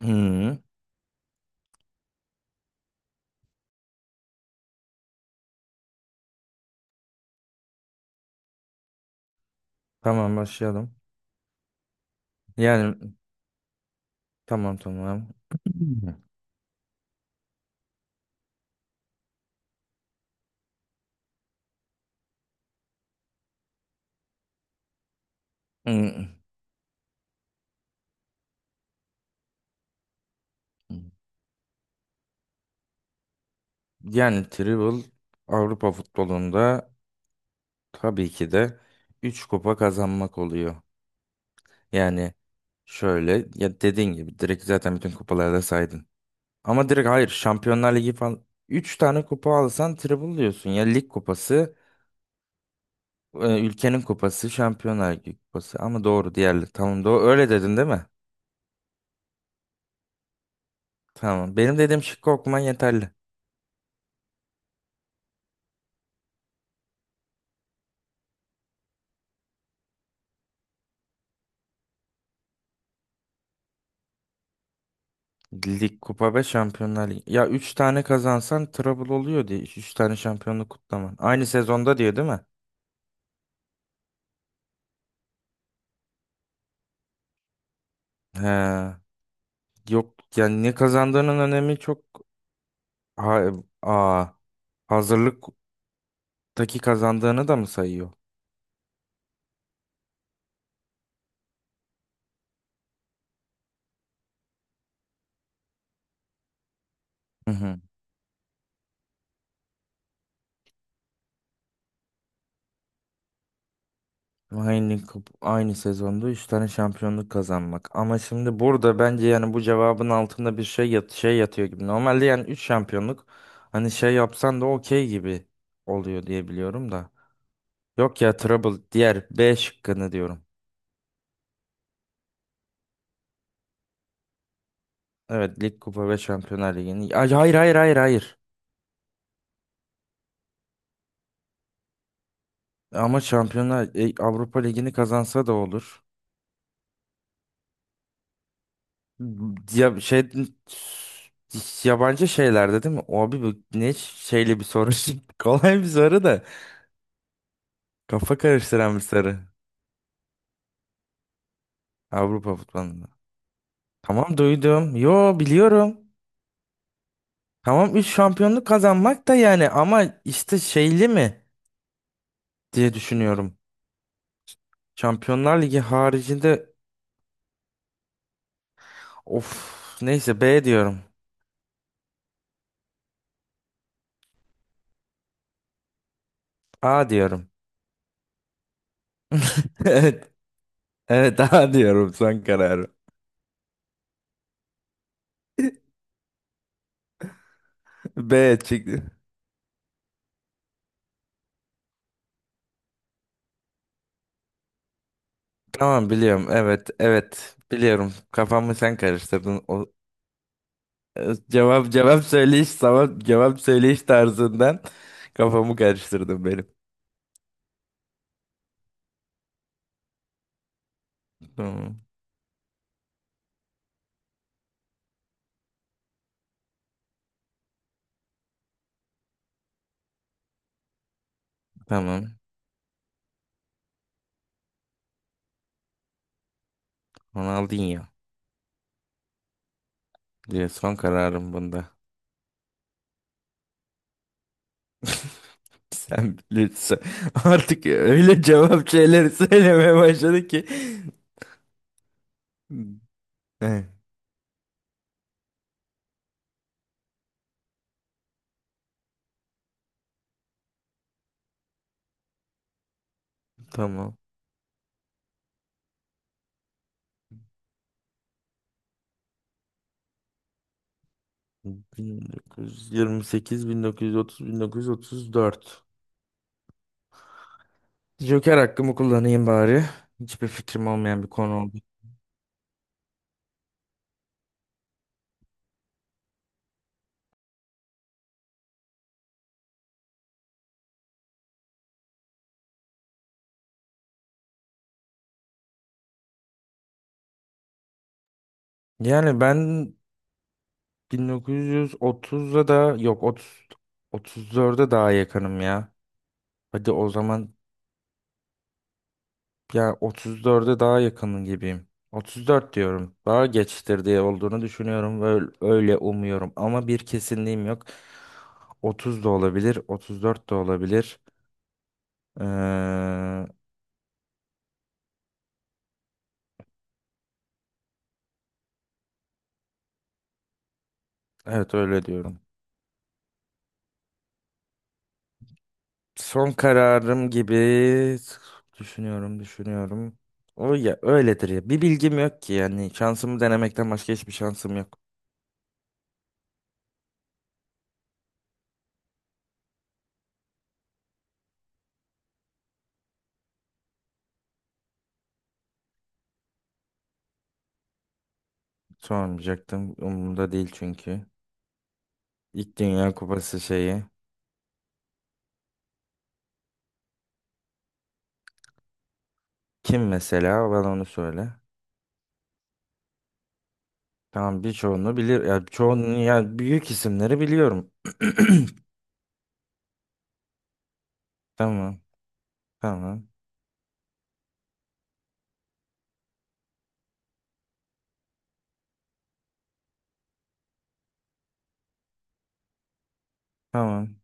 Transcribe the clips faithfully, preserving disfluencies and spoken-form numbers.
Hmm, tamam başlayalım. Yani tamam tamam. Hmm, Yani Tribble Avrupa futbolunda tabii ki de üç kupa kazanmak oluyor. Yani şöyle, ya dediğin gibi, direkt zaten bütün kupaları da saydın. Ama direkt hayır, Şampiyonlar Ligi falan üç tane kupa alsan Tribble diyorsun. Ya lig kupası, e, ülkenin kupası, Şampiyonlar Ligi kupası. Ama doğru diğerleri, tamam doğru öyle dedin değil mi? Tamam, benim dediğim şıkkı okuman yeterli. Lig, kupa ve Şampiyonlar Ligi. Ya üç tane kazansan treble oluyor diye. Üç tane şampiyonluk kutlaman. Aynı sezonda diyor değil mi? He. Yok yani ne kazandığının önemi çok, ha, aa, hazırlıktaki kazandığını da mı sayıyor? Hı hı. Aynı, kup- aynı sezonda üç tane şampiyonluk kazanmak. Ama şimdi burada bence yani bu cevabın altında bir şey yat şey yatıyor gibi. Normalde yani üç şampiyonluk, hani şey yapsan da okey gibi oluyor diye biliyorum da. Yok ya, Trouble, diğer B şıkkını diyorum. Evet, lig, kupa ve Şampiyonlar Ligi'ni. Ay, hayır hayır hayır hayır. Ama Şampiyonlar e, Avrupa Ligi'ni kazansa da olur. Ya, şey, yabancı şeylerde değil mi? O abi, bu ne şeyli bir soru. Şimdi kolay bir soru da kafa karıştıran bir soru. Avrupa futbolunda. Tamam, duydum. Yo, biliyorum. Tamam, üç şampiyonluk kazanmak da yani, ama işte şeyli mi diye düşünüyorum. Şampiyonlar Ligi haricinde. Of, neyse, B diyorum. A diyorum. Evet. Evet, A diyorum son kararı. B çıktı. Tamam, biliyorum. Evet, evet, biliyorum. Kafamı sen karıştırdın. O, e, cevap cevap söyleyiş cevap, cevap söyleyiş tarzından kafamı karıştırdın benim. Tamam. Tamam. Ronaldinho diye son kararım bunda. Sen lütfen artık öyle cevap şeyleri söylemeye başladı ki. Eh, tamam. bin dokuz yüz yirmi sekiz, bin dokuz yüz otuz, bin dokuz yüz otuz dört. Joker hakkımı kullanayım bari. Hiçbir fikrim olmayan bir konu oldu. Yani ben bin dokuz yüz otuza da, yok, otuz, otuz dörde daha yakınım ya. Hadi o zaman. Ya, otuz dörde daha yakın gibiyim. otuz dört diyorum. Daha geçtir diye olduğunu düşünüyorum ve öyle, öyle umuyorum. Ama bir kesinliğim yok. otuz da olabilir, otuz dört de olabilir. Ee, evet öyle diyorum. Son kararım gibi düşünüyorum, düşünüyorum. O ya öyledir ya. Bir bilgim yok ki yani, şansımı denemekten başka hiçbir şansım yok. Sormayacaktım. Umurumda değil çünkü. İlk Dünya Kupası şeyi. Kim mesela? Bana onu söyle. Tamam, birçoğunu bilir. Ya çoğunu ya büyük isimleri biliyorum. Tamam. Tamam. Tamam.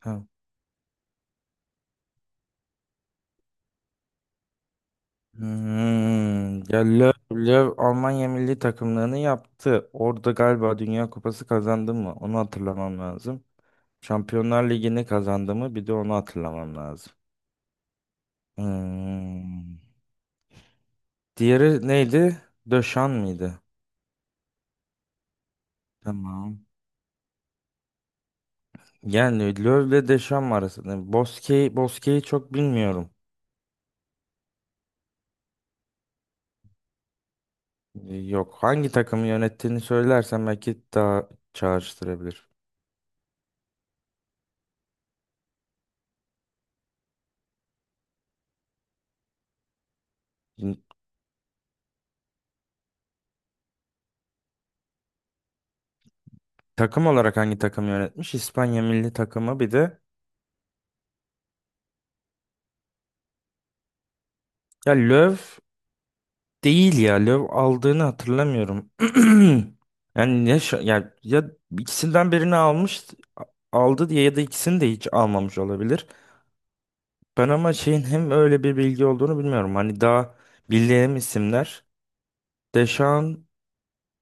Tamam. Hmm. Ya Löw, Löw, Almanya milli takımlarını yaptı. Orada galiba Dünya Kupası kazandı mı? Onu hatırlamam lazım. Şampiyonlar Ligi'ni kazandı mı? Bir de onu hatırlamam lazım. Hmm. Diğeri neydi? Döşan mıydı? Tamam. Yani Löw'le Deşan arasında. Bosque'yi Bosque'yi çok bilmiyorum. E, Yok. Hangi takımı yönettiğini söylersen belki daha çağrıştırabilir. Şimdi takım olarak hangi takımı yönetmiş? İspanya milli takımı bir de. Ya Löw değil ya. Löw aldığını hatırlamıyorum. Yani ya, şa- ya, ya ikisinden birini almış aldı diye, ya da ikisini de hiç almamış olabilir. Ben ama şeyin hem öyle bir bilgi olduğunu bilmiyorum. Hani daha bildiğim isimler. Deschamps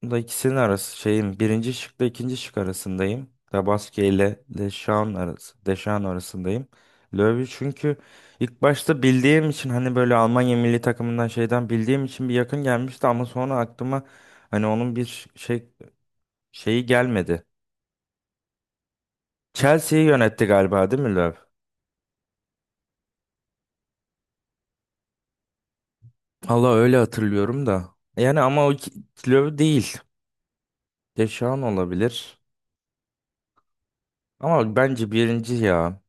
da ikisinin arası şeyim, birinci şıkla ikinci şık arasındayım. Tabaski ile Deşan arası, Deşan arasındayım. Löwy çünkü ilk başta bildiğim için, hani böyle Almanya milli takımından şeyden bildiğim için bir yakın gelmişti, ama sonra aklıma, hani onun bir şey şeyi gelmedi. Chelsea'yi yönetti galiba değil mi Löw? Allah, öyle hatırlıyorum da. Yani ama o iki- Löw değil. Deşan olabilir. Ama bence birinci ya.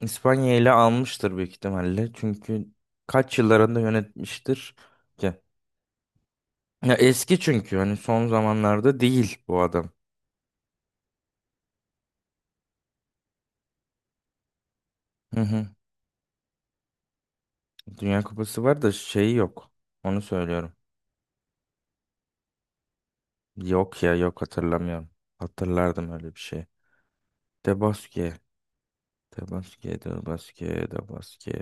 İspanya ile almıştır büyük ihtimalle. Çünkü kaç yıllarında yönetmiştir ki? Ya eski, çünkü hani son zamanlarda değil bu adam. Hı hı. Dünya Kupası var da şeyi yok. Onu söylüyorum. Yok ya, yok, hatırlamıyorum. Hatırlardım öyle bir şey. De Bosque. De Bosque, De Bosque, De Bosque.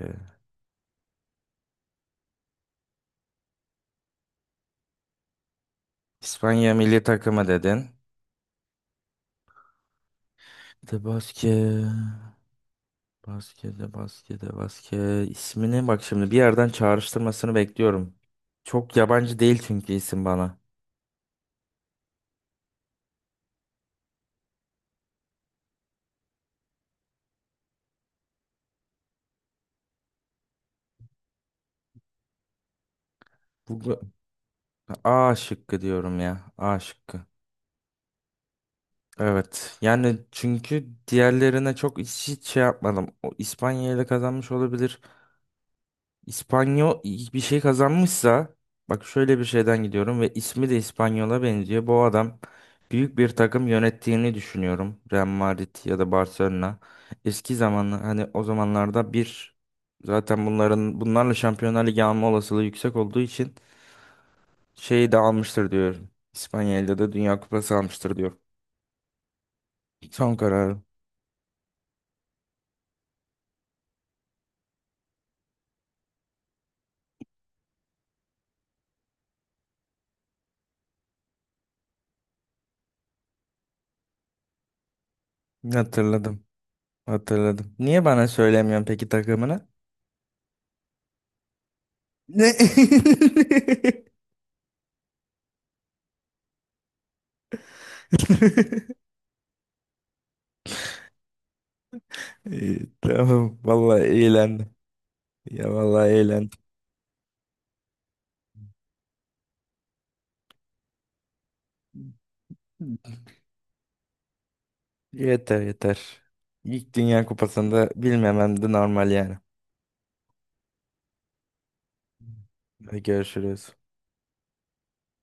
İspanya milli takımı dedin. De Bosque. Baskede, baskede, baske ismini bak, şimdi bir yerden çağrıştırmasını bekliyorum. Çok yabancı değil çünkü isim bana. Bu A şıkkı diyorum ya. A şıkkı. Evet. Yani çünkü diğerlerine çok, hiç, hiç şey yapmadım. O İspanya ile kazanmış olabilir. İspanyol bir şey kazanmışsa, bak şöyle bir şeyden gidiyorum ve ismi de İspanyol'a benziyor. Bu adam büyük bir takım yönettiğini düşünüyorum. Real Madrid ya da Barcelona. Eski zamanlı, hani o zamanlarda bir, zaten bunların bunlarla Şampiyonlar Ligi alma olasılığı yüksek olduğu için şeyi de almıştır diyorum. İspanya'da da Dünya Kupası almıştır diyorum. Son kararım. Hatırladım. Hatırladım. Niye bana söylemiyorsun peki takımını? İyi, tamam. Vallahi eğlendim. Ya vallahi eğlendim. Yeter yeter. İlk Dünya Kupası'nda bilmemem de normal yani. Hadi görüşürüz.